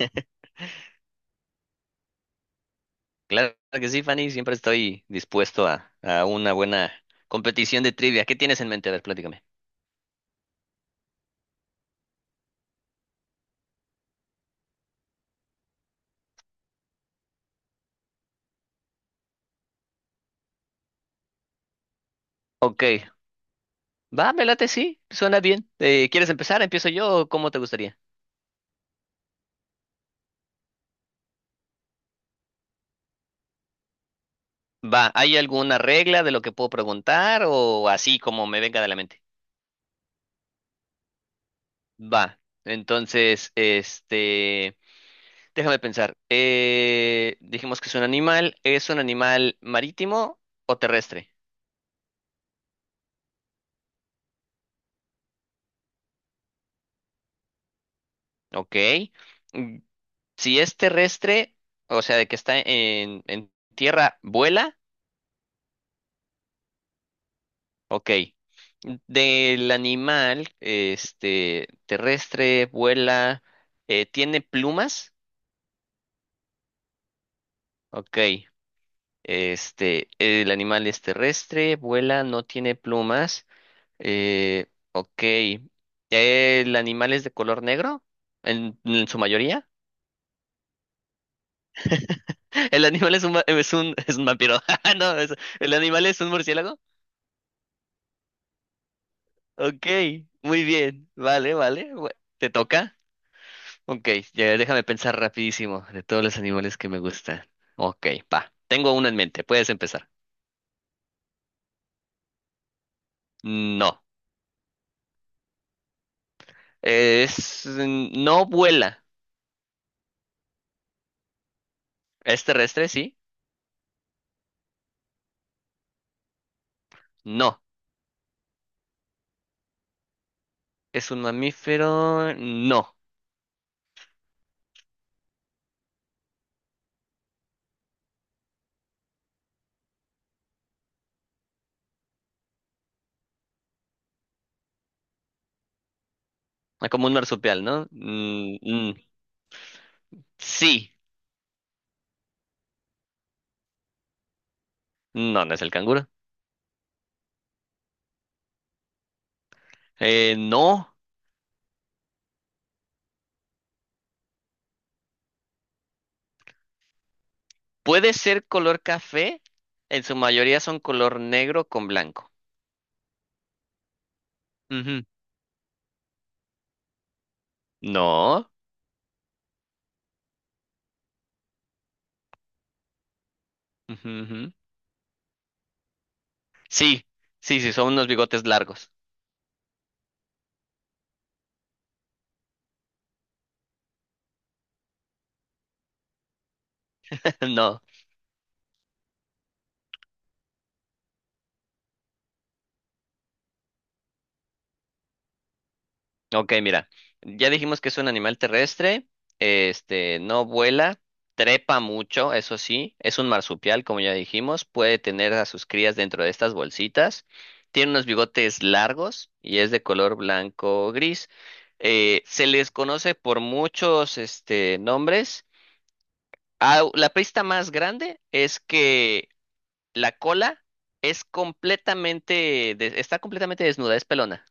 Claro que sí, Fanny, siempre estoy dispuesto a una buena competición de trivia. ¿Qué tienes en mente? A ver, platícame. Ok, va, me late, sí, suena bien. ¿Quieres empezar? ¿Empiezo yo o cómo te gustaría? Va, ¿hay alguna regla de lo que puedo preguntar o así como me venga de la mente? Va, entonces, este, déjame pensar. Dijimos que ¿es un animal marítimo o terrestre? Ok. Si es terrestre, o sea, de que está en tierra, vuela, ok. Del animal, este, terrestre, vuela, tiene plumas, ok. Este, el animal es terrestre, vuela, no tiene plumas, eh, ok. ¿El animal es de color negro? ¿En su mayoría? ¿El animal es un, es un, es un vampiro? No, ¿el animal es un murciélago? Ok, muy bien. Vale, vale. ¿Te toca? Ok, ya déjame pensar rapidísimo de todos los animales que me gustan. Ok, va. Tengo uno en mente. Puedes empezar. No. Es... no vuela. ¿Es terrestre? Sí. No. ¿Es un mamífero? No. Ah, como un marsupial, ¿no? Mm, mm, sí. No, no es el canguro. No. Puede ser color café. En su mayoría son color negro con blanco. Ujú. No. Ujú, ujú. Sí, sí, sí, son unos bigotes largos. No. Ok, mira. Ya dijimos que es un animal terrestre. Este, no vuela, trepa mucho, eso sí. Es un marsupial, como ya dijimos. Puede tener a sus crías dentro de estas bolsitas. Tiene unos bigotes largos y es de color blanco o gris. Se les conoce por muchos, este, nombres. La pista más grande es que la cola es completamente, está completamente desnuda, es pelona.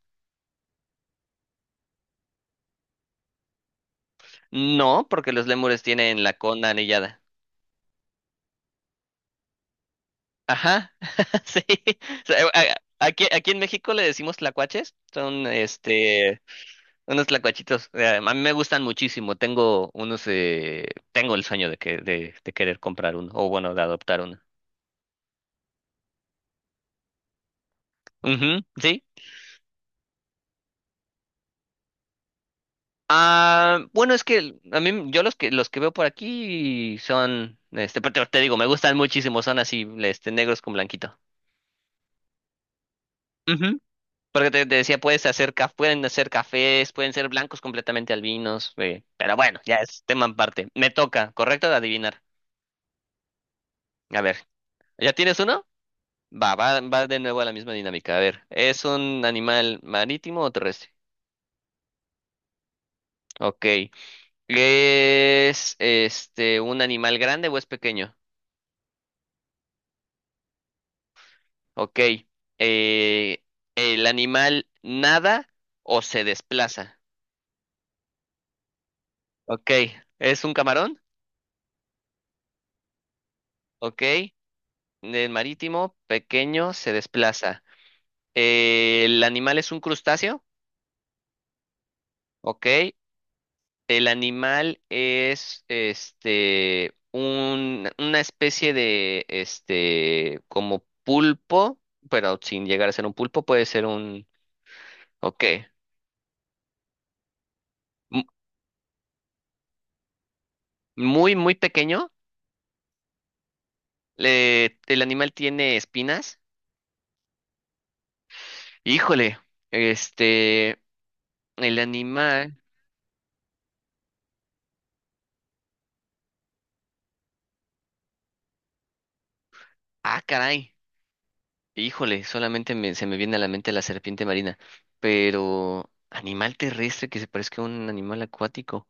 No, porque los lémures tienen la cola anillada. Ajá, sí. O sea, aquí, aquí en México le decimos tlacuaches, son este, unos tlacuachitos. A mí me gustan muchísimo, tengo unos, tengo el sueño de que, de querer comprar uno, o bueno, de adoptar uno. Ujú, sí. Ah, bueno, es que a mí, yo los que veo por aquí son, este, pero te digo, me gustan muchísimo, son así, este, negros con blanquito. Ujú. Porque te decía, puedes hacer pueden hacer cafés, pueden ser blancos completamente albinos, pero bueno, ya es tema aparte. Me toca, correcto, de adivinar. A ver, ¿ya tienes uno? Va, va, va de nuevo a la misma dinámica. A ver, ¿es un animal marítimo o terrestre? Ok. ¿Es este un animal grande o es pequeño? Ok. eh, ¿El animal nada o se desplaza? Ok. ¿Es un camarón? Ok. ¿El marítimo, pequeño, se desplaza. ¿El animal es un crustáceo? Ok. ¿El animal es este un, una especie de este como pulpo, pero sin llegar a ser un pulpo, puede ser un. Ok. mu- Muy, muy pequeño. ¿El animal tiene espinas? Híjole, este, el animal, ah, caray, híjole, solamente se me viene a la mente la serpiente marina, pero animal terrestre que se parezca a un animal acuático,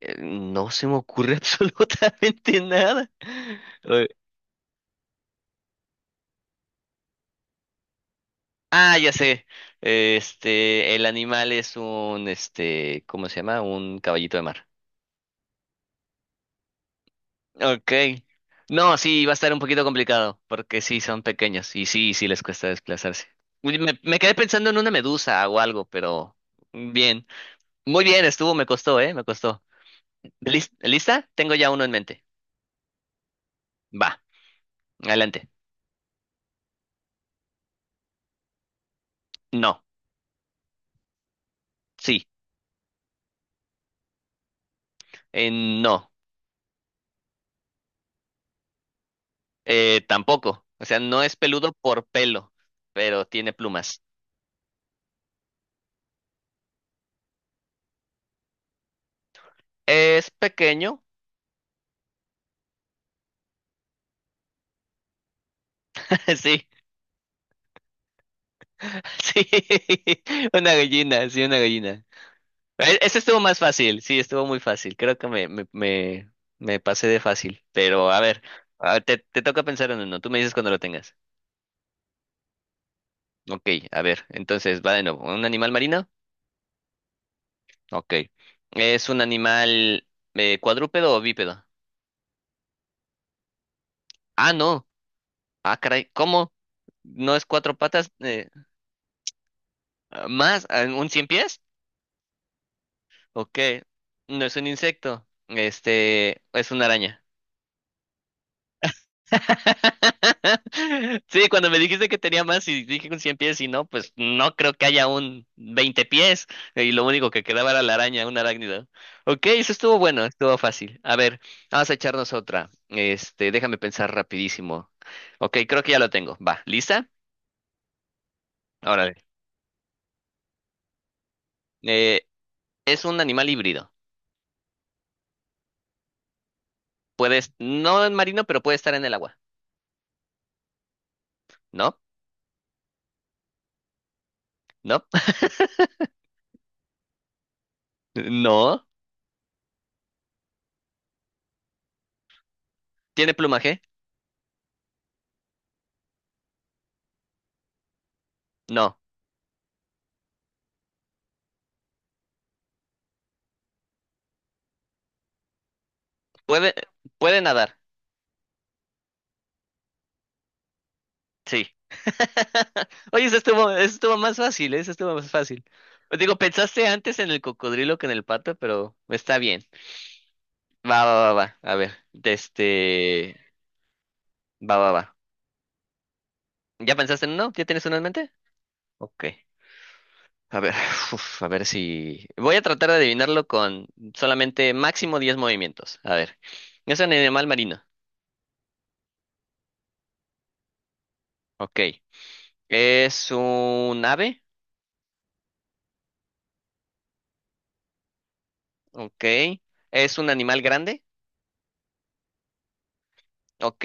no se me ocurre absolutamente nada. Eh, Ah, ya sé, este, el animal es un, este, ¿cómo se llama? Un caballito de mar. Ok. No, sí, va a estar un poquito complicado, porque sí, son pequeños y sí, sí les cuesta desplazarse. Uy, me quedé pensando en una medusa o algo, pero bien. Muy bien, estuvo, me costó, ¿eh? Me costó. ¿Lista? Tengo ya uno en mente. Va, adelante. No, sí, no, tampoco. O sea, no es peludo por pelo, pero tiene plumas. ¿Es pequeño? Sí, sí, una gallina, sí, una gallina. Ese estuvo más fácil, sí, estuvo muy fácil. Creo que me pasé de fácil. Pero a ver, te, te toca pensar en uno. Tú me dices cuando lo tengas. Ok, a ver, entonces va de nuevo. ¿Un animal marino? Ok. ¿Es un animal cuadrúpedo o bípedo? Ah, no. Ah, caray, ¿cómo? ¿No es cuatro patas? ¿Más? Ah, ¿un cien pies? Ok. No es un insecto. Este, es una araña. Sí, cuando me dijiste que tenía más y dije con 100 pies y no, pues no creo que haya un 20 pies y lo único que quedaba era la araña, un arácnido. Ok, eso estuvo bueno, estuvo fácil. A ver, vamos a echarnos otra. Este, déjame pensar rapidísimo. Ok, creo que ya lo tengo. Va, ¿lista? Órale. Eh, es un animal híbrido. Puedes, no en marino, pero puede estar en el agua. ¿No? ¿No? ¿No? ¿Tiene plumaje? No. ¿Puede, puede nadar? Sí. Oye, eso estuvo más fácil, ¿eh? Eso estuvo más fácil. Pues digo, pensaste antes en el cocodrilo que en el pato, pero está bien. Va, va, va, va. A ver, de este... Va, va, va. ¿Ya pensaste en uno? ¿Ya tienes uno en mente? Ok. A ver, uf, a ver si... voy a tratar de adivinarlo con solamente máximo 10 movimientos. A ver. Es un animal marino. Ok. ¿Es un ave? Ok. ¿Es un animal grande? Ok.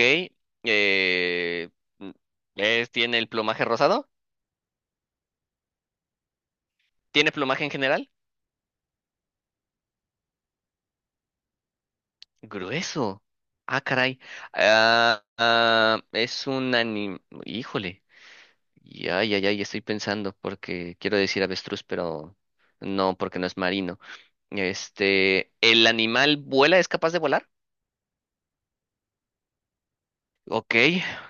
eh, mm, ¿tiene el plumaje rosado? ¿Tiene plumaje en general? Grueso. Ah, caray. Ah, ah, es un anim... híjole. Ya, ya, ya, ya estoy pensando porque quiero decir avestruz, pero no, porque no es marino. Este, ¿el animal vuela? ¿Es capaz de volar? Ok,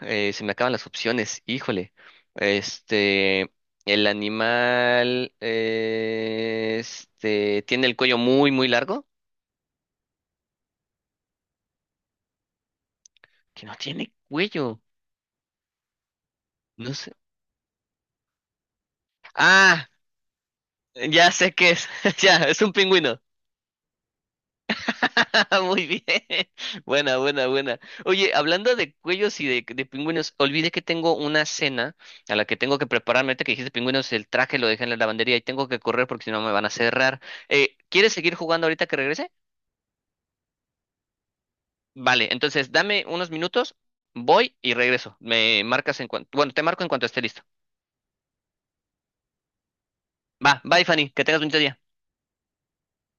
se me acaban las opciones, híjole. Este, el animal, este, tiene el cuello muy, muy largo. Que no tiene cuello, no sé. Ah, ya sé qué es, ya, es un pingüino. Muy bien, buena, buena, buena. Oye, hablando de cuellos y de pingüinos, olvidé que tengo una cena a la que tengo que prepararme. Ahorita que dijiste pingüinos, el traje lo dejé en la lavandería y tengo que correr porque si no me van a cerrar. ¿Quieres seguir jugando ahorita que regrese? Vale, entonces dame unos minutos, voy y regreso. Me marcas en cuanto, bueno, te marco en cuanto esté listo. Va, bye Fanny, que tengas un bonito día.